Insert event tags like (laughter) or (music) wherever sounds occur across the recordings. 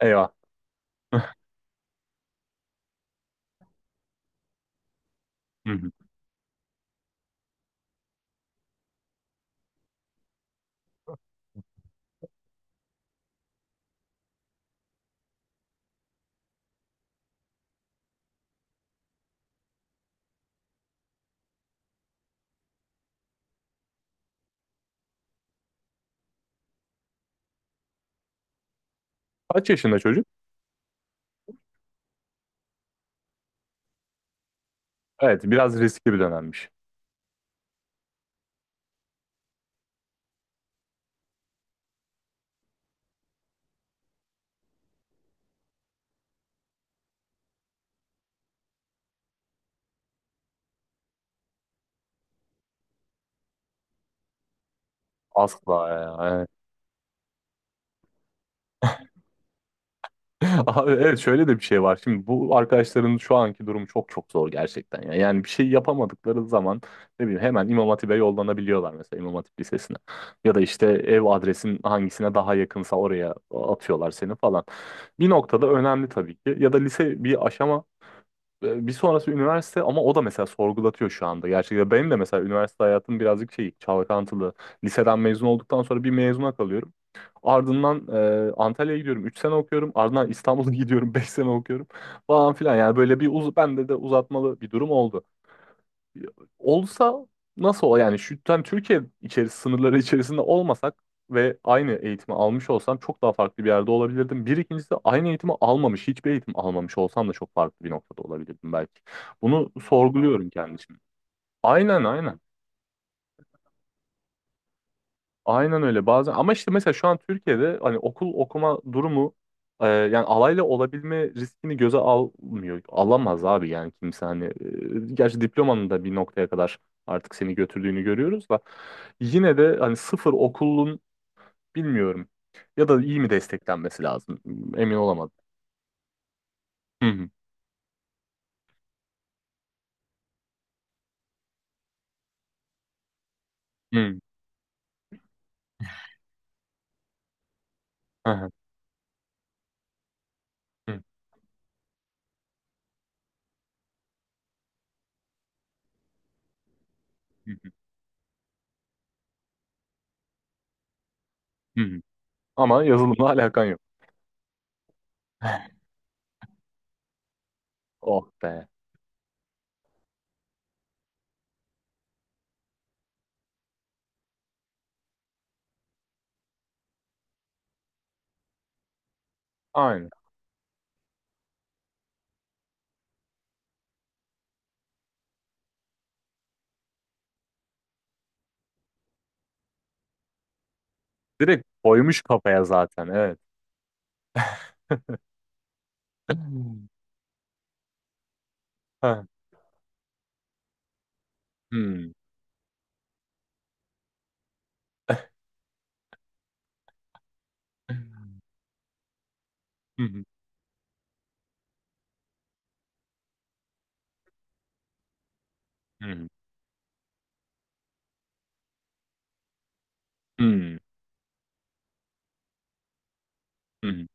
Eyvah. Hı hı. Kaç yaşında çocuk? Evet, biraz riskli bir dönemmiş. Asla ya. Evet. (laughs) Abi evet şöyle de bir şey var. Şimdi bu arkadaşların şu anki durumu çok çok zor gerçekten ya. Yani bir şey yapamadıkları zaman ne bileyim hemen İmam Hatip'e yollanabiliyorlar mesela İmam Hatip Lisesi'ne. Ya da işte ev adresin hangisine daha yakınsa oraya atıyorlar seni falan. Bir noktada önemli tabii ki. Ya da lise bir aşama, bir sonrası üniversite ama o da mesela sorgulatıyor şu anda. Gerçekten benim de mesela üniversite hayatım birazcık şey çalkantılı. Liseden mezun olduktan sonra bir mezuna kalıyorum. Ardından Antalya'ya gidiyorum 3 sene okuyorum. Ardından İstanbul'a (laughs) gidiyorum 5 sene okuyorum falan filan. Yani böyle bir uz bende de uzatmalı bir durum oldu. Olsa nasıl ol yani şu yani Türkiye içerisinde sınırları içerisinde olmasak ve aynı eğitimi almış olsam çok daha farklı bir yerde olabilirdim. Bir ikincisi aynı eğitimi almamış, hiçbir eğitim almamış olsam da çok farklı bir noktada olabilirdim belki. Bunu sorguluyorum kendim için. Aynen, aynen. Aynen öyle bazen ama işte mesela şu an Türkiye'de hani okul okuma durumu, yani alayla olabilme riskini göze almıyor. Alamaz abi yani kimse hani. Gerçi diplomanın da bir noktaya kadar artık seni götürdüğünü görüyoruz da yine de hani sıfır okulun bilmiyorum ya da iyi mi desteklenmesi lazım, emin olamadım. Hı hı, hı, hı hı, hı hı, hı hı. Hı. Ama yazılımla alakan yok. (laughs) Oh be. Aynen. Direkt koymuş kafaya zaten, evet. (laughs) Hı. Hmm. Hı hı. Hı hı. Hımm. Hı hı.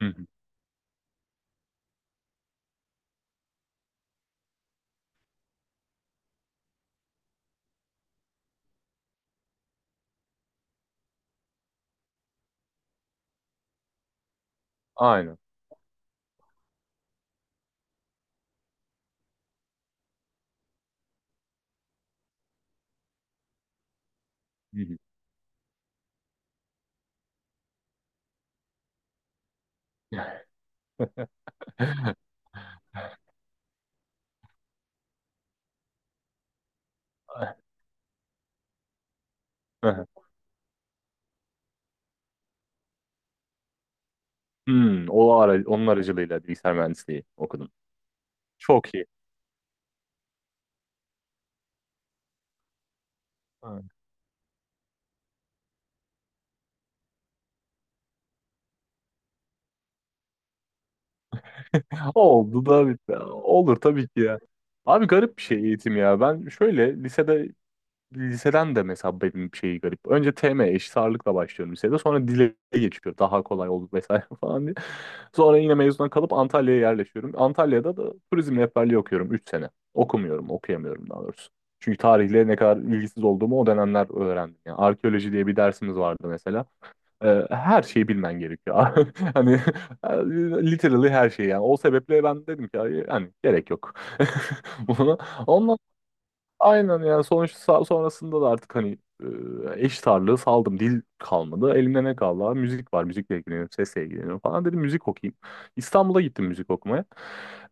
Hı hı. Aynen. Hı hı. (laughs) Aynen. Hı hı. (laughs) Aha. O ara onun aracılığıyla bilgisayar mühendisliği okudum. Çok iyi. Aynen. Oldu da bitti. Olur tabii ki ya. Abi garip bir şey eğitim ya. Ben şöyle liseden de mesela benim şeyi garip. Önce TM eşit ağırlıkla başlıyorum lisede. Sonra dile geçiyor. Daha kolay oldu vesaire (laughs) falan diye. Sonra yine mezuna kalıp Antalya'ya yerleşiyorum. Antalya'da da turizm rehberliği okuyorum 3 sene. Okumuyorum, okuyamıyorum daha doğrusu. Çünkü tarihle ne kadar ilgisiz olduğumu o dönemler öğrendim. Yani arkeoloji diye bir dersimiz vardı mesela. Her şeyi bilmen gerekiyor. (laughs) Hani literally her şeyi yani. O sebeple ben dedim ki hani gerek yok. (laughs) Ona- Ondan Aynen yani sonuçta sonrasında da artık hani, eş tarlığı saldım. Dil kalmadı. Elimde ne kaldı, abi? Müzik var. Müzikle ilgileniyorum. Sesle ilgileniyorum falan. Dedim müzik okuyayım. İstanbul'a gittim müzik okumaya.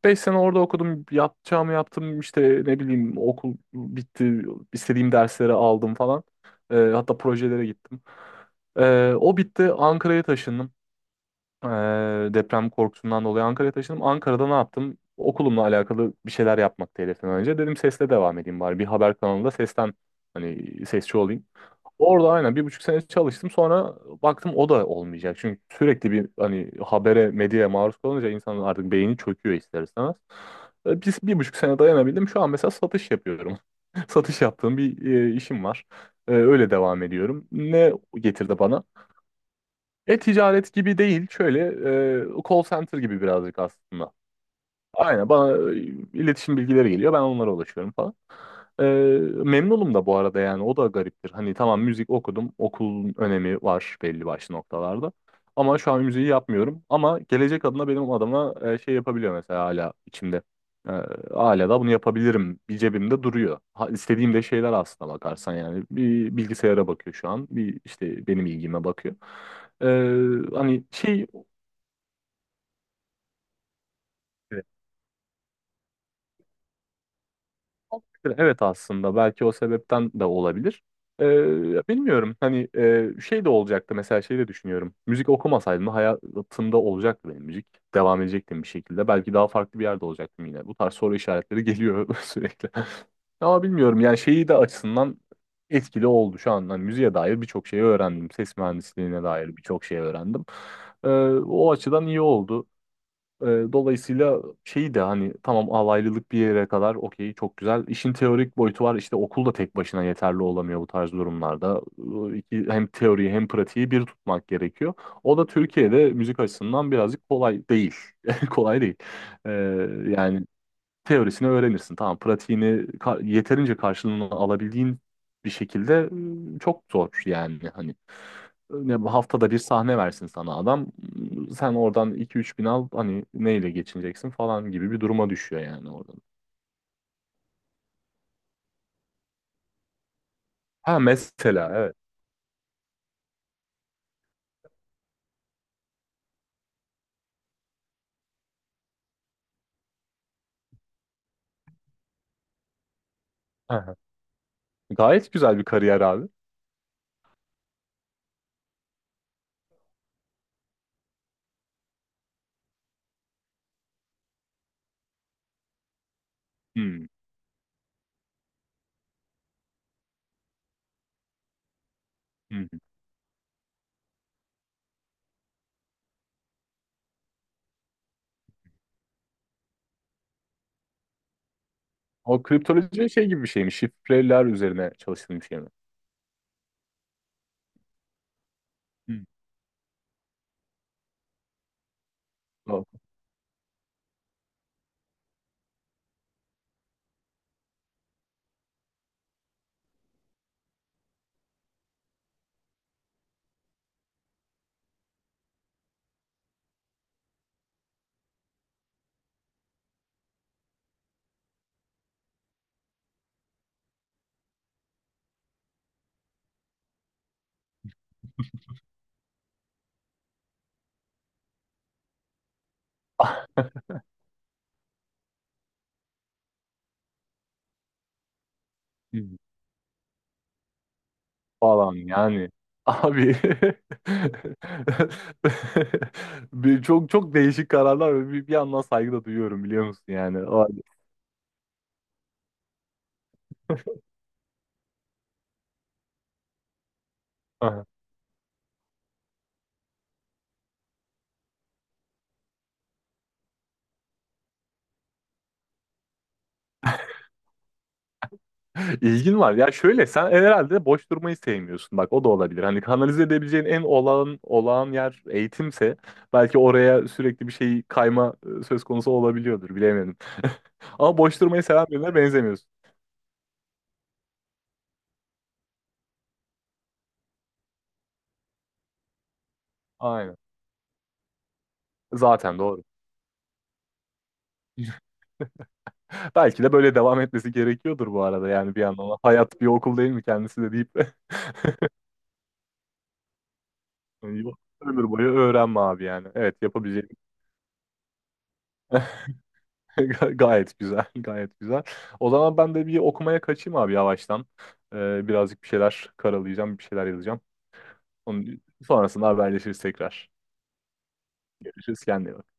5 sene orada okudum. Yapacağımı yaptım. İşte ne bileyim okul bitti. İstediğim dersleri aldım falan. Hatta projelere gittim. O bitti. Ankara'ya taşındım. Ee, Deprem korkusundan dolayı Ankara'ya taşındım. Ankara'da ne yaptım? Okulumla alakalı bir şeyler yapmaktı hedeften önce. Dedim sesle devam edeyim bari. Bir haber kanalında sesten hani sesçi olayım. Orada aynen 1,5 sene çalıştım. Sonra baktım o da olmayacak. Çünkü sürekli bir hani habere, medyaya maruz kalınca insanın artık beyni çöküyor ister istemez. Biz 1,5 sene dayanabildim. Şu an mesela satış yapıyorum. (laughs) Satış yaptığım bir, işim var. Öyle devam ediyorum. Ne getirdi bana? E-ticaret gibi değil. Şöyle, call center gibi birazcık aslında. Aynen bana, iletişim bilgileri geliyor ben onlara ulaşıyorum falan. Ee, Memnunum da bu arada yani o da gariptir. Hani tamam müzik okudum okulun önemi var belli başlı noktalarda. Ama şu an müziği yapmıyorum ama gelecek adına benim adama, şey yapabiliyor mesela hala içimde. Ee, Hala da bunu yapabilirim bir cebimde duruyor. Ha, istediğim de şeyler aslına bakarsan yani bir bilgisayara bakıyor şu an bir işte benim ilgime bakıyor. Ee, hani şey Evet aslında belki o sebepten de olabilir. Bilmiyorum hani, şey de olacaktı mesela şey de düşünüyorum. Müzik okumasaydım da hayatımda olacaktı benim müzik. Devam edecektim bir şekilde. Belki daha farklı bir yerde olacaktım yine. Bu tarz soru işaretleri geliyor (laughs) sürekli. Ama bilmiyorum yani şeyi de açısından etkili oldu şu an. Hani müziğe dair birçok şey öğrendim. Ses mühendisliğine dair birçok şey öğrendim. Ee, O açıdan iyi oldu. Ee, Dolayısıyla şeyi de hani tamam alaylılık bir yere kadar okey çok güzel. İşin teorik boyutu var işte okul da tek başına yeterli olamıyor bu tarz durumlarda. Hem teoriyi hem pratiği bir tutmak gerekiyor. O da Türkiye'de müzik açısından birazcık kolay değil. (laughs) Kolay değil. Evet. Yani teorisini öğrenirsin. Tamam, pratiğini yeterince karşılığını alabildiğin bir şekilde, çok zor yani hani ne bu haftada bir sahne versin sana adam sen oradan iki üç bin al hani neyle geçineceksin falan gibi bir duruma düşüyor yani oradan. Ha, mesela evet. Aha. Gayet güzel bir kariyer abi. Hmm, hmm. O kriptoloji şey gibi bir şey mi? Şifreler üzerine çalıştığın bir şey mi? Hmm. O- (laughs) falan yani. Abi (laughs) bir çok çok değişik kararlar ve bir yandan saygı da duyuyorum biliyor musun yani. O halde. Aha. (laughs) İlgin var. Ya şöyle sen herhalde boş durmayı sevmiyorsun. Bak o da olabilir. Hani kanalize edebileceğin en olağan olağan yer eğitimse belki oraya sürekli bir şey kayma, söz konusu olabiliyordur. Bilemedim. (laughs) Ama boş durmayı seven birine benzemiyorsun. Aynen. Zaten doğru. Belki de böyle devam etmesi gerekiyordur bu arada yani bir yandan. Hayat bir okul değil mi kendisi de deyip de. (laughs) Yok, ömür boyu öğrenme abi yani. Evet yapabileceğim. (laughs) Gayet güzel, gayet güzel. O zaman ben de bir okumaya kaçayım abi yavaştan. Birazcık bir şeyler karalayacağım, bir şeyler yazacağım. Onun sonrasında haberleşiriz tekrar. Görüşürüz, kendine iyi bak.